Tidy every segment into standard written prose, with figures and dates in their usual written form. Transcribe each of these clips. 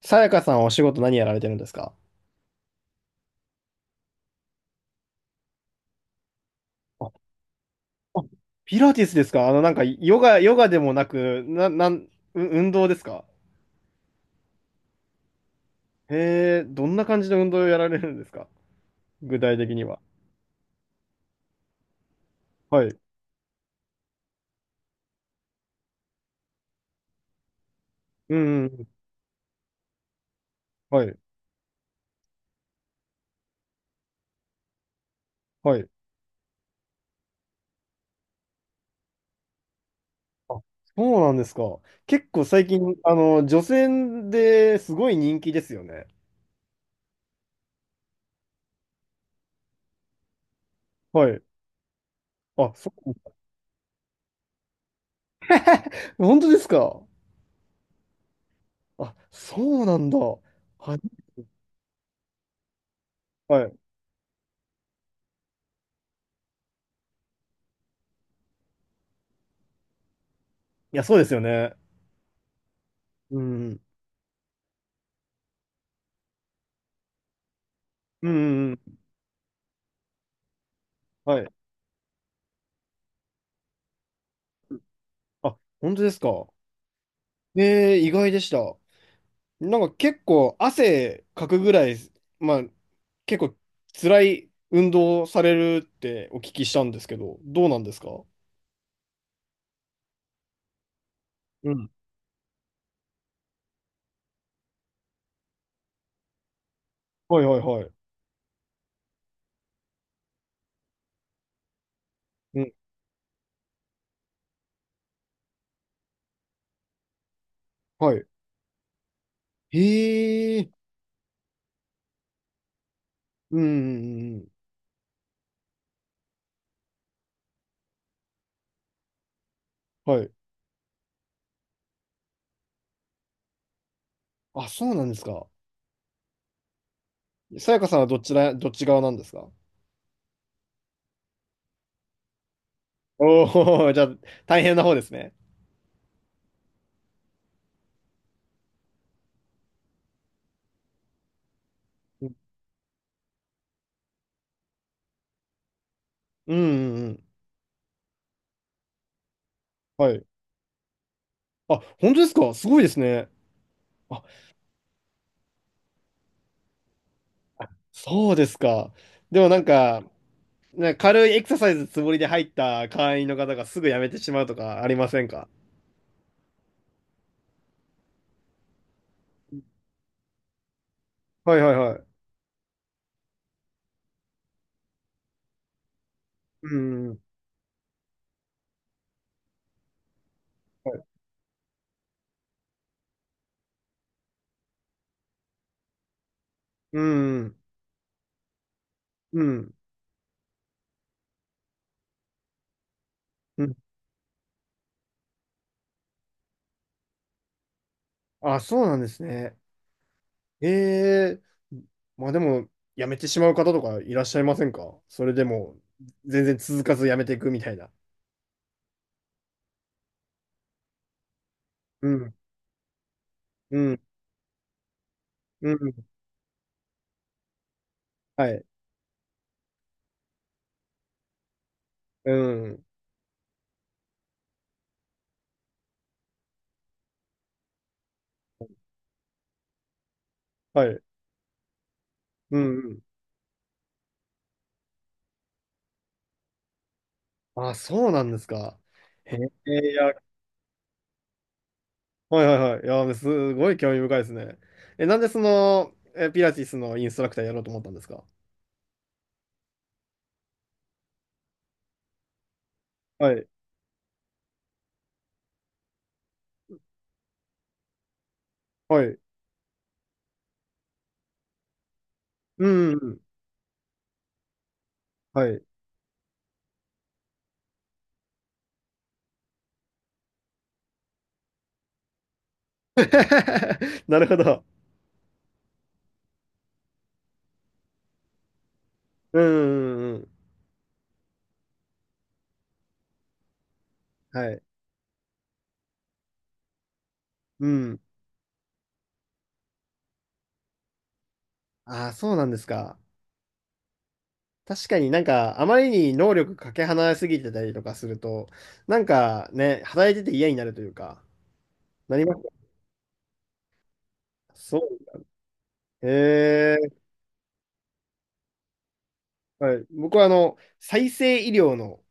さやかさんはお仕事何やられてるんですか？あ。ピラティスですか？なんか、ヨガでもなく、な、なん、う運動ですか？へえ、どんな感じの運動をやられるんですか？具体的には。はい。うん、うんうん。はい、はい。あ、そうなんですか。結構最近、女性ですごい人気ですよね。はい。あ、そう。本当ですか？あ、そうなんだ。はい、はい。いや、そうですよね。うん、うん、うん、うん。はい。あ、本当ですか？ねえー、意外でした。なんか結構汗かくぐらい、まあ、結構辛い運動をされるってお聞きしたんですけど、どうなんですか？うん。はいはいはい。うん。はい。へえ。うんうんうん。うん。はい。あ、そうなんですか。さやかさんはどっち側なんですか？お。おー、じゃあ大変な方ですね。うんうんうん。うん。はい。あ、本当ですか？すごいですね。あ、あそうですか。でもなんか、なんか軽いエクササイズつもりで入った会員の方がすぐ辞めてしまうとかありませんか？はいはいはい。うん。はい。うん。うん。うん。あ、そうなんですね。ええ。まあでも、辞めてしまう方とかいらっしゃいませんか？それでも、全然続かず辞めていくみたいな。うん。うん。うん。はい。うん。はい。うん。うん。あ、そうなんですか。へえ。はいはいはい。いや、すごい興味深いですね。え、なんでピラティスのインストラクターやろうと思ったんですか？はい。はい。うん、うん。はい。なるほど。うん、うん、うん。はい。うん。ああ、そうなんですか。確かになんか、あまりに能力かけ離れすぎてたりとかすると、なんかね、働いてて嫌になるというか、なりますよ。そう。へえ。はい。僕は再生医療の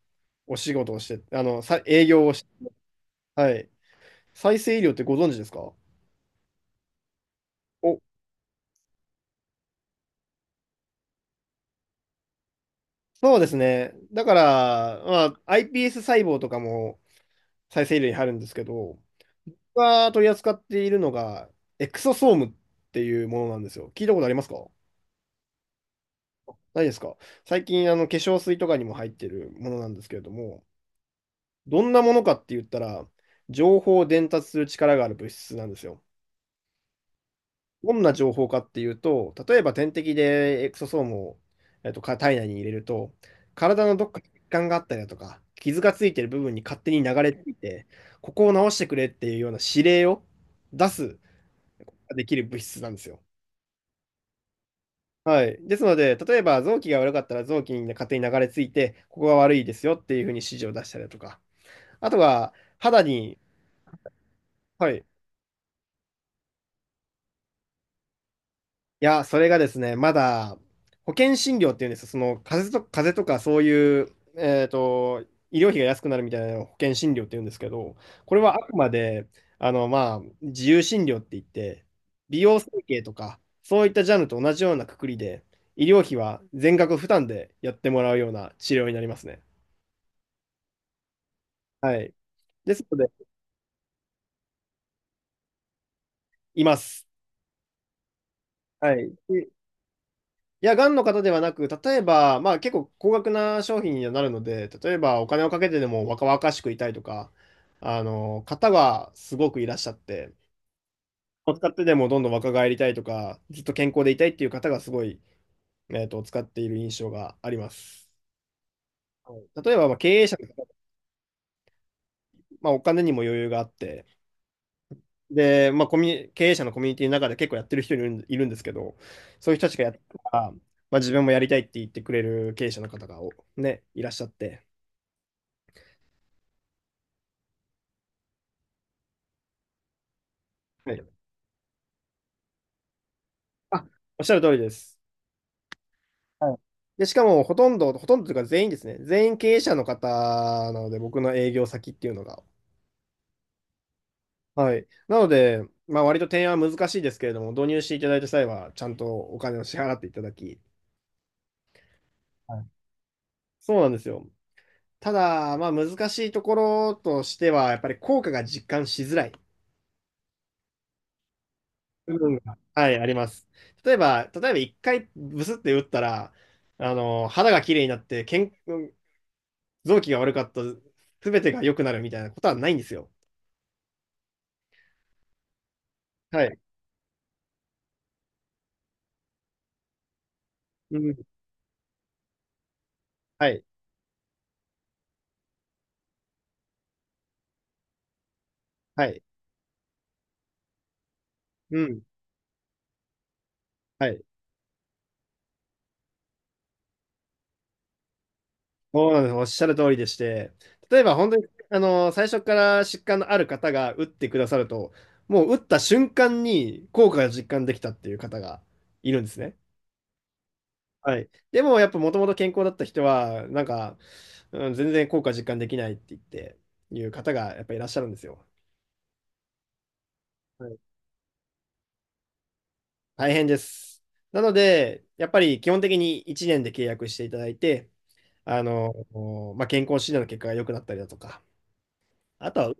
お仕事をして、営業をして、はい。再生医療ってご存知ですか？お。そうですね。だから、まあ、iPS 細胞とかも再生医療に入るんですけど、僕が取り扱っているのが、エクソソームっていうものなんですよ。聞いたことありますか？ないですか？最近、化粧水とかにも入ってるものなんですけれども、どんなものかって言ったら、情報を伝達する力がある物質なんですよ。どんな情報かっていうと、例えば点滴でエクソソームを、体内に入れると、体のどっかに血管があったりだとか、傷がついてる部分に勝手に流れていて、ここを直してくれっていうような指令を出すができる物質なんですよ。はい。ですので、例えば臓器が悪かったら臓器に勝手に流れ着いて、ここが悪いですよっていうふうに指示を出したりだとか、あとは肌に、はい。いや、それがですね、まだ保険診療っていうんですよ、その風邪とかそういう、医療費が安くなるみたいなのを保険診療っていうんですけど、これはあくまでまあ、自由診療って言って、美容整形とか、そういったジャンルと同じようなくくりで、医療費は全額負担でやってもらうような治療になりますね。はい。ですので、います。はい。いや、がんの方ではなく、例えば、まあ結構高額な商品にはなるので、例えばお金をかけてでも若々しくいたいとか、方がすごくいらっしゃって、使ってでもどんどん若返りたいとか、ずっと健康でいたいっていう方がすごい、使っている印象があります。はい。例えば、まあ経営者の方、まあお金にも余裕があって、で、まあコミュニ、経営者のコミュニティの中で結構やってる人いるんですけど、そういう人たちがやったら、まあ自分もやりたいって言ってくれる経営者の方がね、いらっしゃって、はい。あ、おっしゃる通りです。はい。で、しかも、ほとんどというか全員ですね。全員経営者の方なので、僕の営業先っていうのが。はい。なので、まあ、割と提案は難しいですけれども、導入していただいた際は、ちゃんとお金を支払っていただき、はい。そうなんですよ。ただ、まあ、難しいところとしては、やっぱり効果が実感しづらい部分が、はい、あります。例えば一回ブスって打ったら、肌が綺麗になって、臓器が悪かった、すべてが良くなるみたいなことはないんですよ。はい。うん。はい。はい。うん。はい。そうなんです。おっしゃる通りでして、例えば本当に、最初から疾患のある方が打ってくださると、もう打った瞬間に効果が実感できたっていう方がいるんですね。はい。でもやっぱもともと健康だった人は、なんか、うん、全然効果実感できないって言って、いう方がやっぱいらっしゃるんですよ。はい。大変です。なので、やっぱり基本的に1年で契約していただいて、あの、まあ、健康診断の結果が良くなったりだとか、あとは、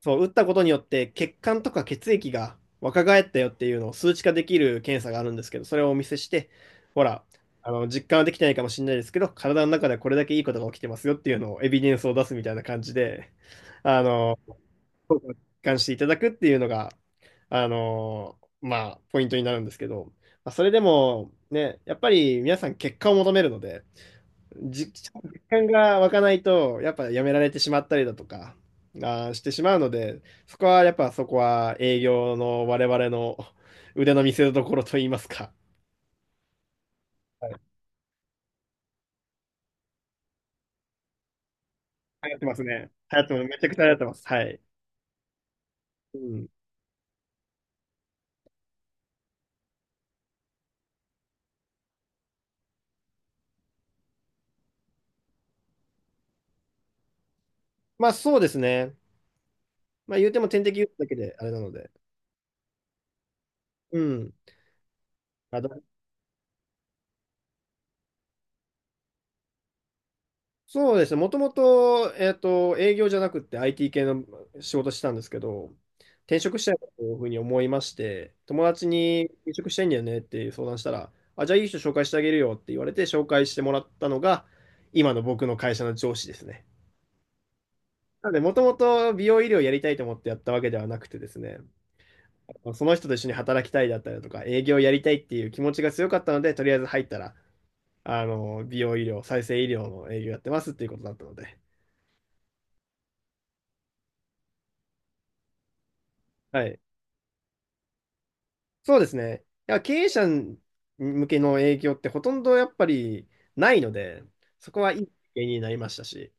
そう、打ったことによって血管とか血液が若返ったよっていうのを数値化できる検査があるんですけど、それをお見せして、ほら、実感はできてないかもしれないですけど、体の中ではこれだけいいことが起きてますよっていうのをエビデンスを出すみたいな感じで、あの、願していただくっていうのが、まあ、ポイントになるんですけど、まあ、それでも、ね、やっぱり皆さん結果を求めるので、実感が湧かないと、やっぱやめられてしまったりだとか、してしまうので、そこは営業の我々の腕の見せ所といいますか。はい。流行ってますね。流行ってます。めちゃくちゃ流行ってます。はい。うん。まあそうですね。まあ言うても点滴打つだけであれなので。うん。まあ、そうですね。もともと、営業じゃなくて IT 系の仕事してたんですけど、転職したいなというふうに思いまして、友達に転職したいんだよねっていう相談したら、あ、じゃあいい人紹介してあげるよって言われて紹介してもらったのが、今の僕の会社の上司ですね。なので、もともと美容医療やりたいと思ってやったわけではなくてですね、その人と一緒に働きたいだったりだとか、営業やりたいっていう気持ちが強かったので、とりあえず入ったら、美容医療、再生医療の営業やってますっていうことだったので、はい。そうですね。いや、経営者向けの営業ってほとんどやっぱりないので、そこはいい経験になりましたし、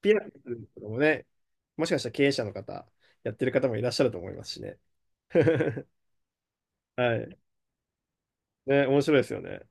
ピラティスとかもね、もしかしたら経営者の方、やってる方もいらっしゃると思いますしね。はい。ね、面白いですよね。